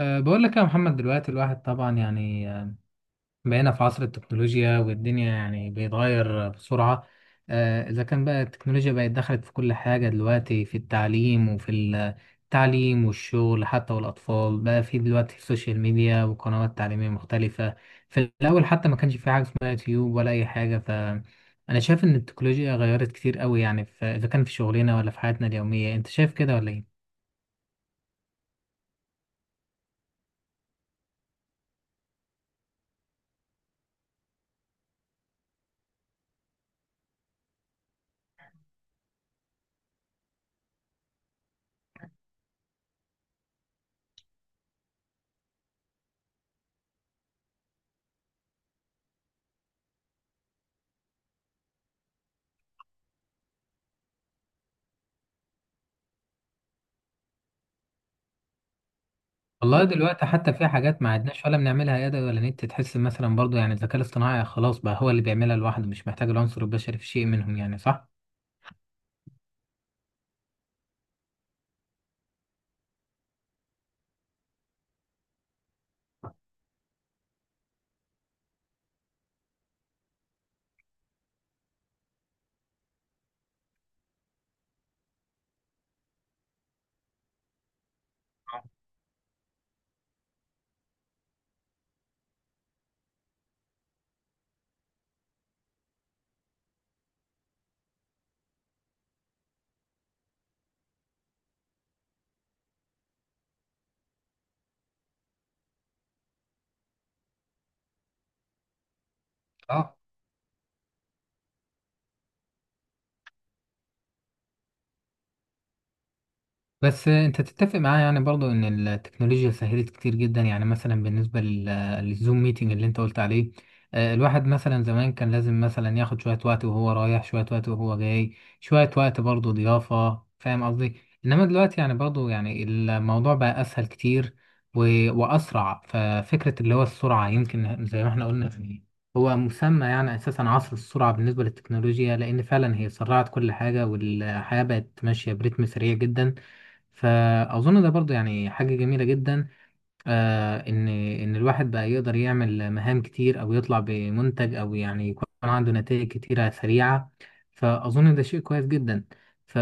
بقول لك يا محمد دلوقتي الواحد طبعا يعني بقينا في عصر التكنولوجيا والدنيا يعني بيتغير بسرعة. إذا كان بقى التكنولوجيا بقت دخلت في كل حاجة دلوقتي في التعليم والشغل حتى، والأطفال بقى في دلوقتي السوشيال ميديا وقنوات تعليمية مختلفة. في الأول حتى ما كانش في حاجة اسمها يوتيوب ولا أي حاجة، فأنا شايف إن التكنولوجيا غيرت كتير قوي، يعني في إذا كان في شغلنا ولا في حياتنا اليومية. أنت شايف كده ولا إيه؟ والله دلوقتي حتى في حاجات ما عدناش ولا بنعملها يد ولا نت، تحس مثلا برضو يعني الذكاء الاصطناعي خلاص بقى هو اللي بيعملها لوحده، مش محتاج العنصر البشري في شيء منهم، يعني صح؟ اه، بس انت تتفق معايا يعني برضو ان التكنولوجيا سهلت كتير جدا، يعني مثلا بالنسبه للزوم ميتنج اللي انت قلت عليه. الواحد مثلا زمان كان لازم مثلا ياخد شويه وقت وهو رايح، شويه وقت وهو جاي، شويه وقت برضو ضيافه، فاهم قصدي؟ انما دلوقتي يعني برضو يعني الموضوع بقى اسهل كتير واسرع. ففكره اللي هو السرعه، يمكن زي ما احنا قلنا، يعني هو مسمى يعني اساسا عصر السرعه بالنسبه للتكنولوجيا، لان فعلا هي سرعت كل حاجه والحياه بقت ماشيه برتم سريع جدا. فأظن ده برضو يعني حاجة جميلة جدا، آه إن إن الواحد بقى يقدر يعمل مهام كتير أو يطلع بمنتج أو يعني يكون عنده نتائج كتيرة سريعة. فأظن ده شيء كويس جدا. ف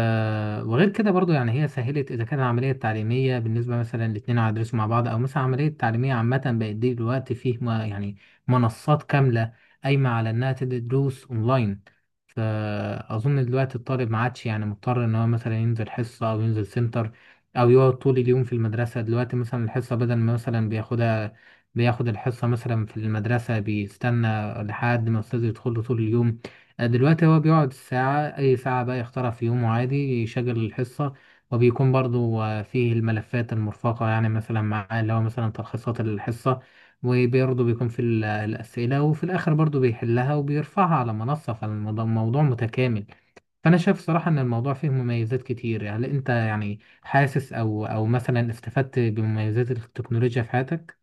وغير كده برضو يعني هي سهلت، إذا كانت العملية التعليمية بالنسبة مثلا الاتنين هيدرسوا مع بعض أو مثلا عملية تعليمية عامة بقت، دي دلوقتي فيه ما يعني منصات كاملة قايمة على إنها تدي دروس أونلاين. فأظن دلوقتي الطالب ما عادش يعني مضطر إن هو مثلا ينزل حصة أو ينزل سنتر أو يقعد طول اليوم في المدرسة. دلوقتي مثلا الحصة بدل ما مثلا بياخدها، بياخد الحصة مثلا في المدرسة بيستنى لحد ما الأستاذ يدخل له طول اليوم. دلوقتي هو بيقعد ساعة، أي ساعة بقى يختارها في يومه عادي، يشغل الحصة وبيكون برضو فيه الملفات المرفقة، يعني مثلا معاه اللي هو مثلا تلخيصات الحصة. وبرضه بيكون في الأسئلة، وفي الآخر برضه بيحلها وبيرفعها على منصة، فالموضوع متكامل. فأنا شايف صراحة إن الموضوع فيه مميزات كتير. يعني أنت يعني حاسس، أو مثلا استفدت بمميزات التكنولوجيا في حياتك؟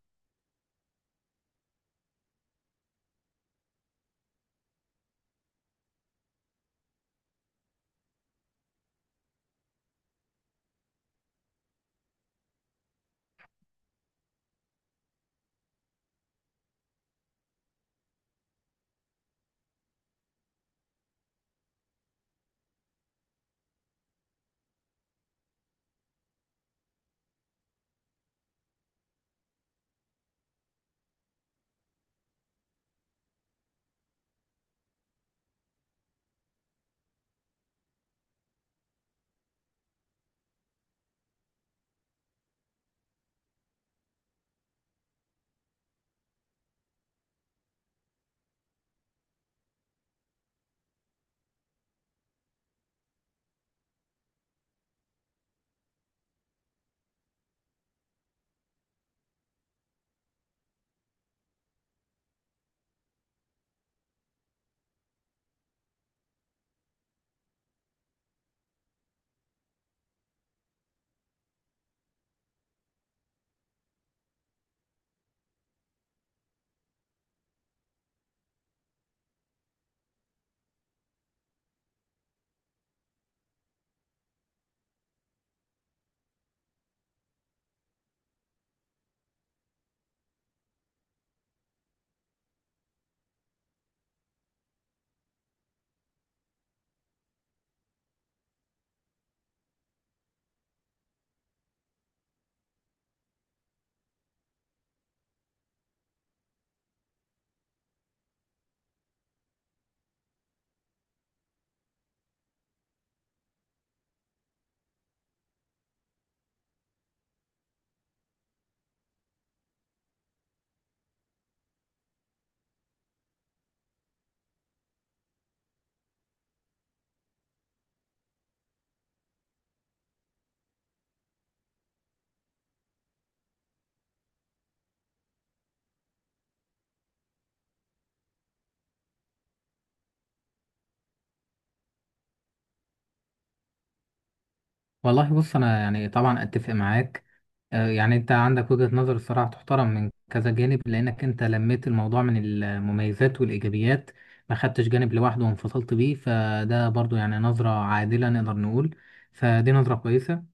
والله بص أنا يعني طبعا أتفق معاك. يعني أنت عندك وجهة نظر الصراحة تحترم من كذا جانب، لأنك أنت لميت الموضوع من المميزات والإيجابيات، ما خدتش جانب لوحده وانفصلت بيه، فده برضه يعني نظرة عادلة نقدر نقول. فدي نظرة كويسة،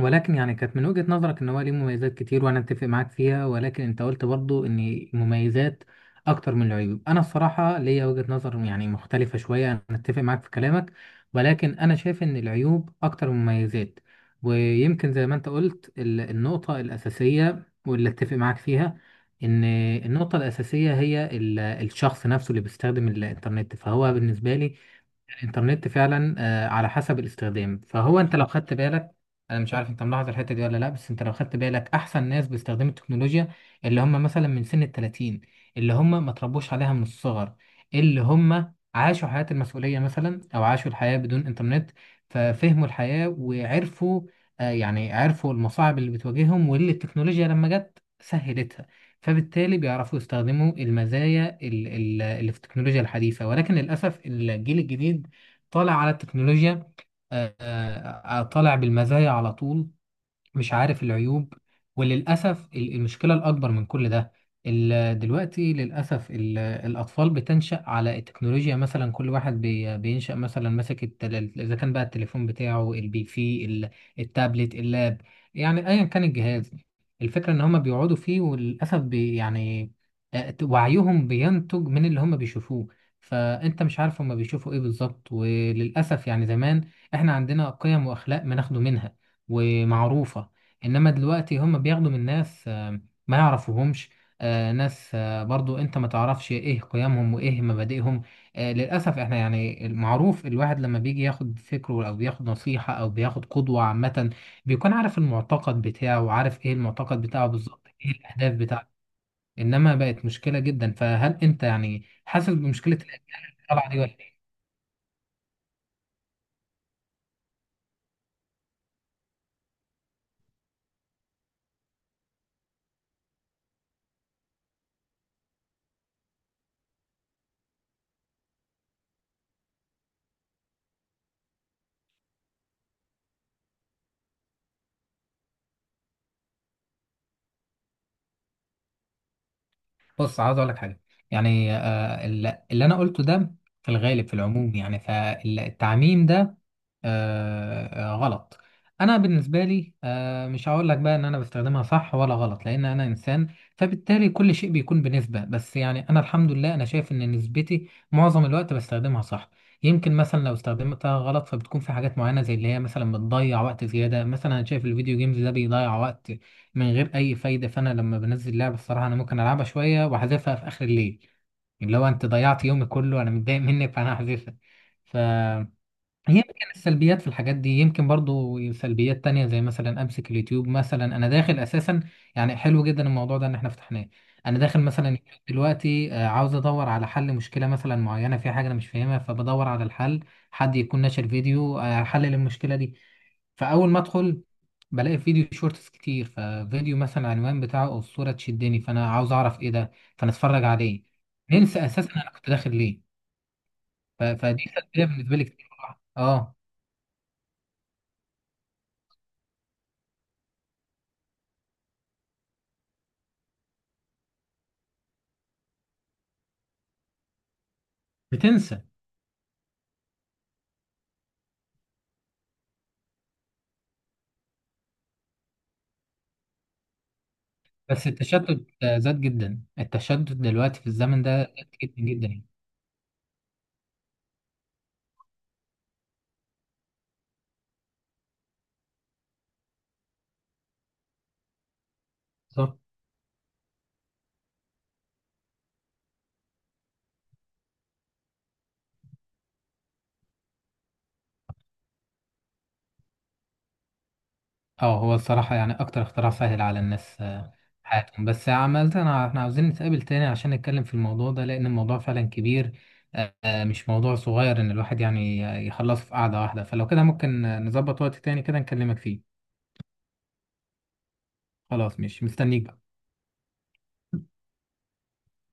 ولكن يعني كانت من وجهة نظرك ان هو ليه مميزات كتير وانا اتفق معاك فيها، ولكن انت قلت برضو ان المميزات اكتر من العيوب. انا الصراحة ليا وجهة نظر يعني مختلفة شوية، انا اتفق معاك في كلامك، ولكن انا شايف ان العيوب اكتر من المميزات. ويمكن زي ما انت قلت، النقطة الاساسية واللي اتفق معاك فيها ان النقطة الاساسية هي الشخص نفسه اللي بيستخدم الانترنت. فهو بالنسبة لي الانترنت فعلا على حسب الاستخدام. فهو انت لو خدت بالك، انا مش عارف انت ملاحظ الحته دي ولا لا، بس انت لو خدت بالك، احسن ناس باستخدام التكنولوجيا اللي هم مثلا من سن ال 30، اللي هم ما تربوش عليها من الصغر، اللي هم عاشوا حياه المسؤوليه مثلا او عاشوا الحياه بدون انترنت، ففهموا الحياه وعرفوا يعني عرفوا المصاعب اللي بتواجههم واللي التكنولوجيا لما جت سهلتها. فبالتالي بيعرفوا يستخدموا المزايا اللي في التكنولوجيا الحديثة. ولكن للأسف الجيل الجديد طالع على التكنولوجيا، طالع بالمزايا على طول، مش عارف العيوب. وللأسف المشكلة الأكبر من كل ده، دلوقتي للأسف الأطفال بتنشأ على التكنولوجيا. مثلا كل واحد بينشأ مثلا ماسك إذا كان بقى التليفون بتاعه، البي سي، التابلت، اللاب، يعني أيا كان الجهاز. الفكرة إن هما بيقعدوا فيه، وللأسف يعني وعيهم بينتج من اللي هما بيشوفوه، فأنت مش عارف هما بيشوفوا إيه بالظبط. وللأسف يعني زمان إحنا عندنا قيم وأخلاق بناخده منها ومعروفة، انما دلوقتي هم بياخدوا من ناس ما يعرفوهمش، ناس برضو انت ما تعرفش ايه قيمهم وايه مبادئهم. للاسف احنا يعني المعروف الواحد لما بيجي ياخد فكره او بياخد نصيحة او بياخد قدوة عامة، بيكون عارف المعتقد بتاعه وعارف ايه المعتقد بتاعه بالظبط، ايه الاهداف بتاعته. انما بقت مشكلة جدا. فهل انت يعني حاسس بمشكلة اللي طالعة دي ولا ايه؟ بص عاوز اقول لك حاجة. يعني اللي انا قلته ده في الغالب في العموم، يعني فالتعميم ده غلط. انا بالنسبه لي مش هقول لك بقى ان انا بستخدمها صح ولا غلط، لان انا انسان فبالتالي كل شيء بيكون بنسبه. بس يعني انا الحمد لله، انا شايف ان نسبتي معظم الوقت بستخدمها صح. يمكن مثلا لو استخدمتها غلط فبتكون في حاجات معينه، زي اللي هي مثلا بتضيع وقت زياده. مثلا انا شايف الفيديو جيمز ده بيضيع وقت من غير اي فايده. فانا لما بنزل لعبه الصراحه، انا ممكن العبها شويه واحذفها في اخر الليل، اللي هو انت ضيعت يومي كله انا متضايق منك، فانا هحذفها. ف يمكن السلبيات في الحاجات دي، يمكن برضو سلبيات تانية زي مثلا امسك اليوتيوب. مثلا انا داخل اساسا، يعني حلو جدا الموضوع ده ان احنا فتحناه. انا داخل مثلا دلوقتي عاوز ادور على حل مشكلة مثلا معينة في حاجة انا مش فاهمها، فبدور على الحل حد يكون ناشر فيديو حل للمشكلة دي. فاول ما ادخل بلاقي فيديو شورتس كتير، ففيديو مثلا العنوان بتاعه او الصورة تشدني، فانا عاوز اعرف ايه ده، فانا اتفرج عليه، ننسى اساسا انا كنت داخل ليه. فدي سلبية بالنسبة لي كتير. اه، بتنسى. بس التشتت زاد جدا، التشتت دلوقتي في الزمن ده زاد جدا جدا يعني. صح. اه، هو الصراحة يعني أكتر اختراع سهل على الناس حياتهم. بس عملت أنا، احنا عاوزين نتقابل تاني عشان نتكلم في الموضوع ده، لأن الموضوع فعلا كبير، مش موضوع صغير إن الواحد يعني يخلصه في قعدة واحدة. فلو كده ممكن نظبط وقت تاني كده نكلمك فيه. خلاص مش مستنيك بقى.